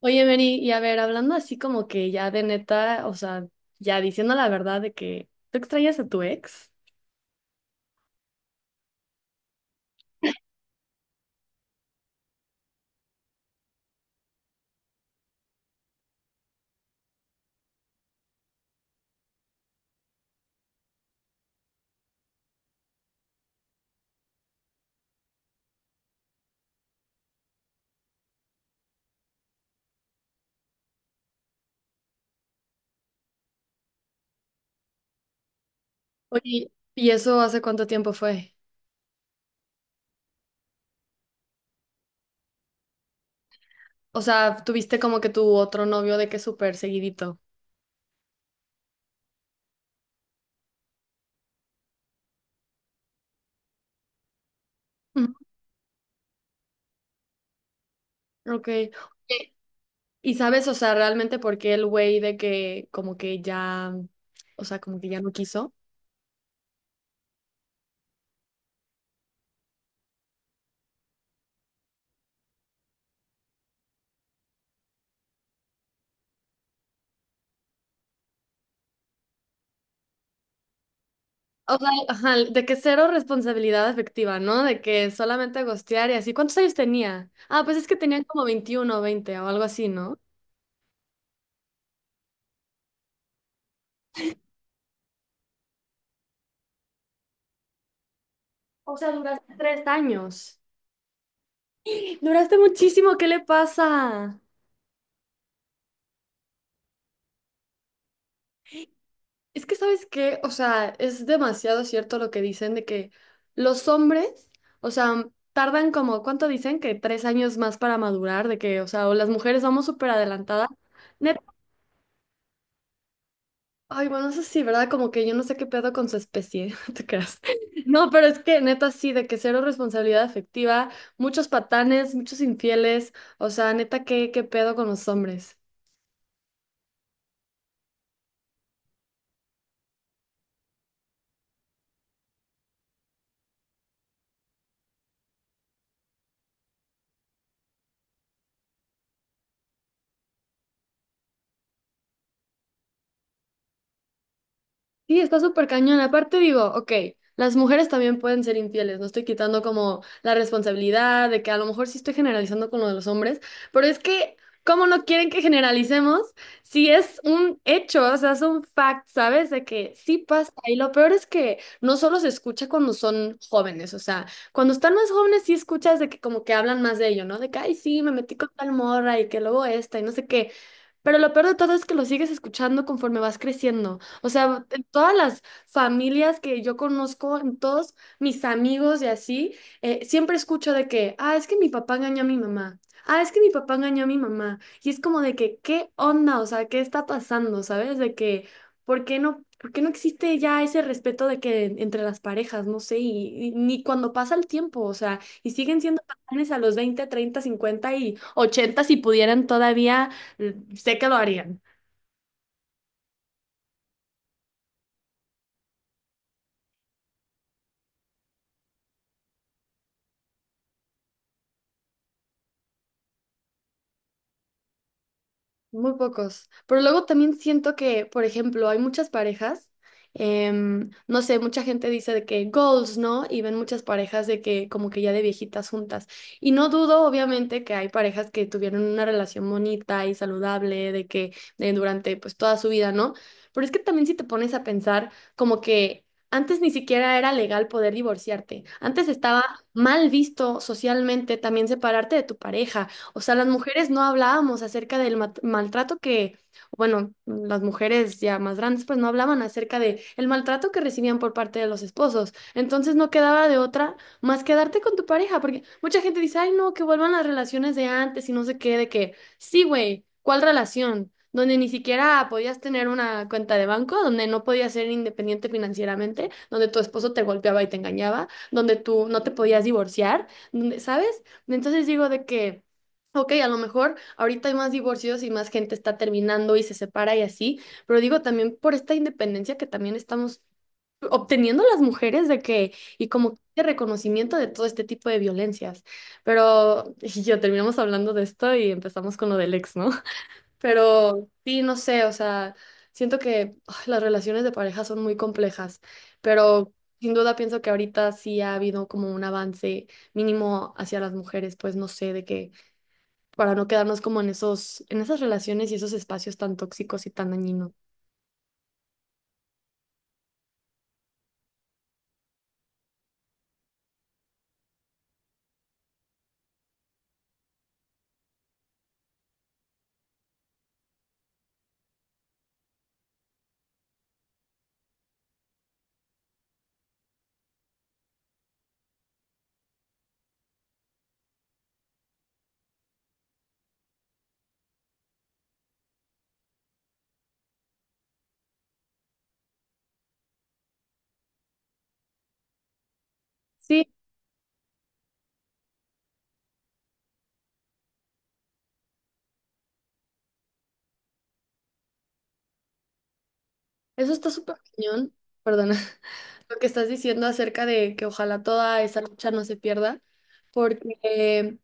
Oye, Mary, y a ver, hablando así como que ya de neta, o sea, ya diciendo la verdad de que tú extrañas a tu ex. Oye, ¿y eso hace cuánto tiempo fue? O sea, tuviste como que tu otro novio de que súper seguidito. Ujú. Ok. Oye, ¿y sabes, o sea, realmente por qué el güey de que como que ya, o sea, como que ya no quiso? O sea, ajá, de que cero responsabilidad afectiva, ¿no? De que solamente gostear y así. ¿Cuántos años tenía? Ah, pues es que tenían como 21, 20 o algo así, ¿no? O sea, duraste 3 años. Duraste muchísimo, ¿qué le pasa? Es que, ¿sabes qué? O sea, es demasiado cierto lo que dicen de que los hombres, o sea, tardan como, ¿cuánto dicen? Que 3 años más para madurar, de que, o sea, o las mujeres vamos súper adelantadas. Neta, ay, bueno, eso sí, ¿verdad? Como que yo no sé qué pedo con su especie, no te creas. No, pero es que neta sí, de que cero responsabilidad afectiva, muchos patanes, muchos infieles, o sea, neta, ¿qué pedo con los hombres? Sí, está súper cañón. Aparte digo, ok, las mujeres también pueden ser infieles, no estoy quitando como la responsabilidad de que a lo mejor sí estoy generalizando con lo de los hombres, pero es que, ¿cómo no quieren que generalicemos si es un hecho, o sea, es un fact, ¿sabes? De que sí pasa. Y lo peor es que no solo se escucha cuando son jóvenes, o sea, cuando están más jóvenes sí escuchas de que como que hablan más de ello, ¿no? De que, ay, sí, me metí con tal morra y que luego esta y no sé qué. Pero lo peor de todo es que lo sigues escuchando conforme vas creciendo. O sea, en todas las familias que yo conozco, en todos mis amigos y así, siempre escucho de que, ah, es que mi papá engañó a mi mamá. Ah, es que mi papá engañó a mi mamá. Y es como de que, ¿qué onda? O sea, ¿qué está pasando? ¿Sabes? De que, ¿por qué no existe ya ese respeto de que entre las parejas, no sé, y ni cuando pasa el tiempo, o sea, y siguen siendo patrones a los 20, 30, 50 y 80 si pudieran todavía, sé que lo harían. Muy pocos. Pero luego también siento que, por ejemplo, hay muchas parejas, no sé, mucha gente dice de que goals, ¿no? Y ven muchas parejas de que como que ya de viejitas juntas. Y no dudo, obviamente, que hay parejas que tuvieron una relación bonita y saludable, de que de durante pues toda su vida, ¿no? Pero es que también si te pones a pensar como que. Antes ni siquiera era legal poder divorciarte. Antes estaba mal visto socialmente también separarte de tu pareja. O sea, las mujeres no hablábamos acerca del maltrato que, bueno, las mujeres ya más grandes pues no hablaban acerca de el maltrato que recibían por parte de los esposos. Entonces no quedaba de otra más quedarte con tu pareja, porque mucha gente dice, ay, no, que vuelvan las relaciones de antes y no sé qué, de que, sí, güey, ¿cuál relación? Donde ni siquiera podías tener una cuenta de banco, donde no podías ser independiente financieramente, donde tu esposo te golpeaba y te engañaba, donde tú no te podías divorciar, donde, ¿sabes? Entonces digo de que ok, a lo mejor ahorita hay más divorcios y más gente está terminando y se separa y así, pero digo también por esta independencia que también estamos obteniendo las mujeres de que, y como de reconocimiento de todo este tipo de violencias. Pero y yo terminamos hablando de esto y empezamos con lo del ex, ¿no? Pero sí, no sé, o sea, siento que ay, las relaciones de pareja son muy complejas, pero sin duda pienso que ahorita sí ha habido como un avance mínimo hacia las mujeres, pues no sé, de que para no quedarnos como en esos, en esas relaciones y esos espacios tan tóxicos y tan dañinos. Sí, eso está súper cañón, perdona, lo que estás diciendo acerca de que ojalá toda esa lucha no se pierda, porque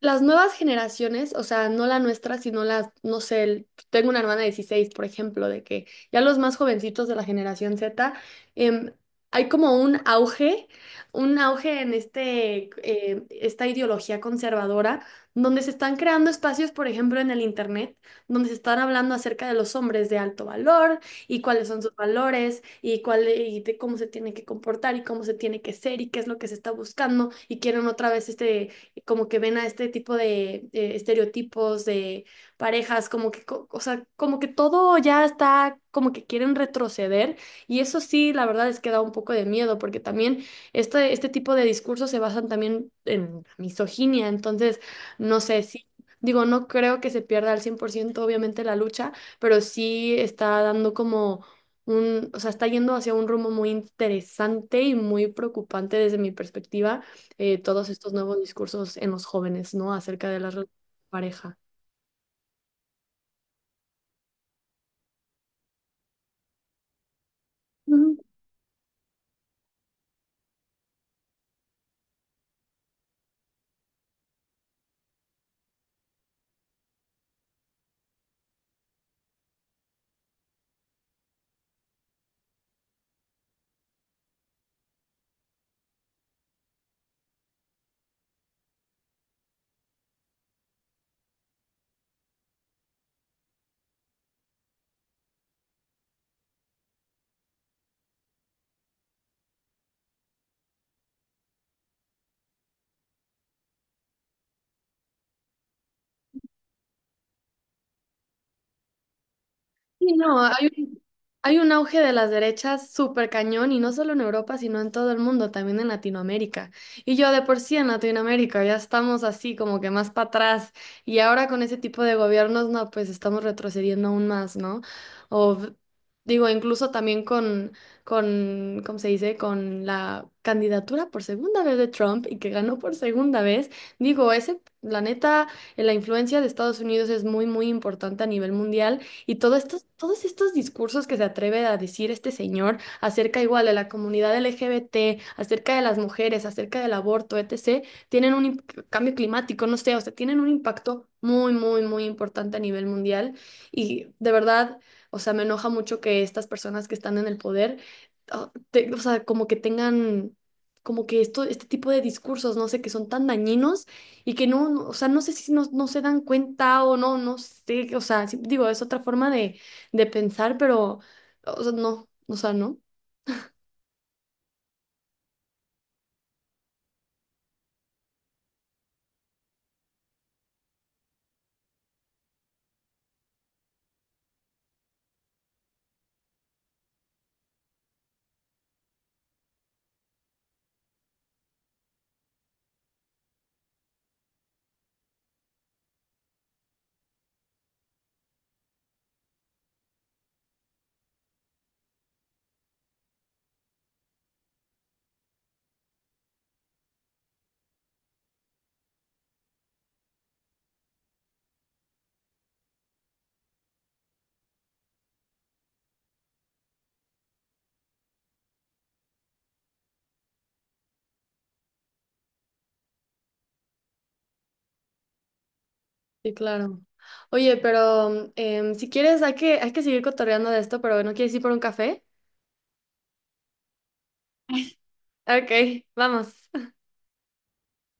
las nuevas generaciones, o sea, no la nuestra, sino las, no sé, tengo una hermana de 16, por ejemplo, de que ya los más jovencitos de la generación Z, em, hay como un auge en este, esta ideología conservadora, donde se están creando espacios, por ejemplo, en el Internet, donde se están hablando acerca de los hombres de alto valor y cuáles son sus valores y de cómo se tiene que comportar y cómo se tiene que ser y qué es lo que se está buscando y quieren otra vez este como que ven a este tipo de estereotipos de parejas, como que, o sea, como que todo ya está, como que quieren retroceder y eso sí, la verdad es que da un poco de miedo porque también este tipo de discursos se basan también en misoginia, entonces, no sé si. Digo, no creo que se pierda al 100% obviamente la lucha, pero sí está dando como un, o sea, está yendo hacia un rumbo muy interesante y muy preocupante desde mi perspectiva, todos estos nuevos discursos en los jóvenes, ¿no? Acerca de la relación de pareja. Ujú. Sí, no, hay un auge de las derechas súper cañón y no solo en Europa, sino en todo el mundo, también en Latinoamérica. Y yo de por sí en Latinoamérica ya estamos así como que más para atrás y ahora con ese tipo de gobiernos, no, pues estamos retrocediendo aún más, ¿no? O digo, incluso también con, ¿cómo se dice? Con la candidatura por segunda vez de Trump y que ganó por segunda vez, digo, ese, la neta, la influencia de Estados Unidos es muy, muy importante a nivel mundial. Y todos estos discursos que se atreve a decir este señor acerca igual de la comunidad LGBT, acerca de las mujeres, acerca del aborto, etc., tienen un cambio climático, no sé, o sea, tienen un impacto muy, muy, muy importante a nivel mundial. Y de verdad, o sea, me enoja mucho que estas personas que están en el poder, o sea, como que tengan, como que este tipo de discursos, no sé, que son tan dañinos y que no, no, o sea, no sé si no, no se dan cuenta o no, no sé, o sea, sí, digo, es otra forma de, pensar, pero, o sea, no, sí, claro. Oye, pero si quieres, hay que seguir cotorreando de esto, pero ¿no quieres ir por un café? Ok, vamos.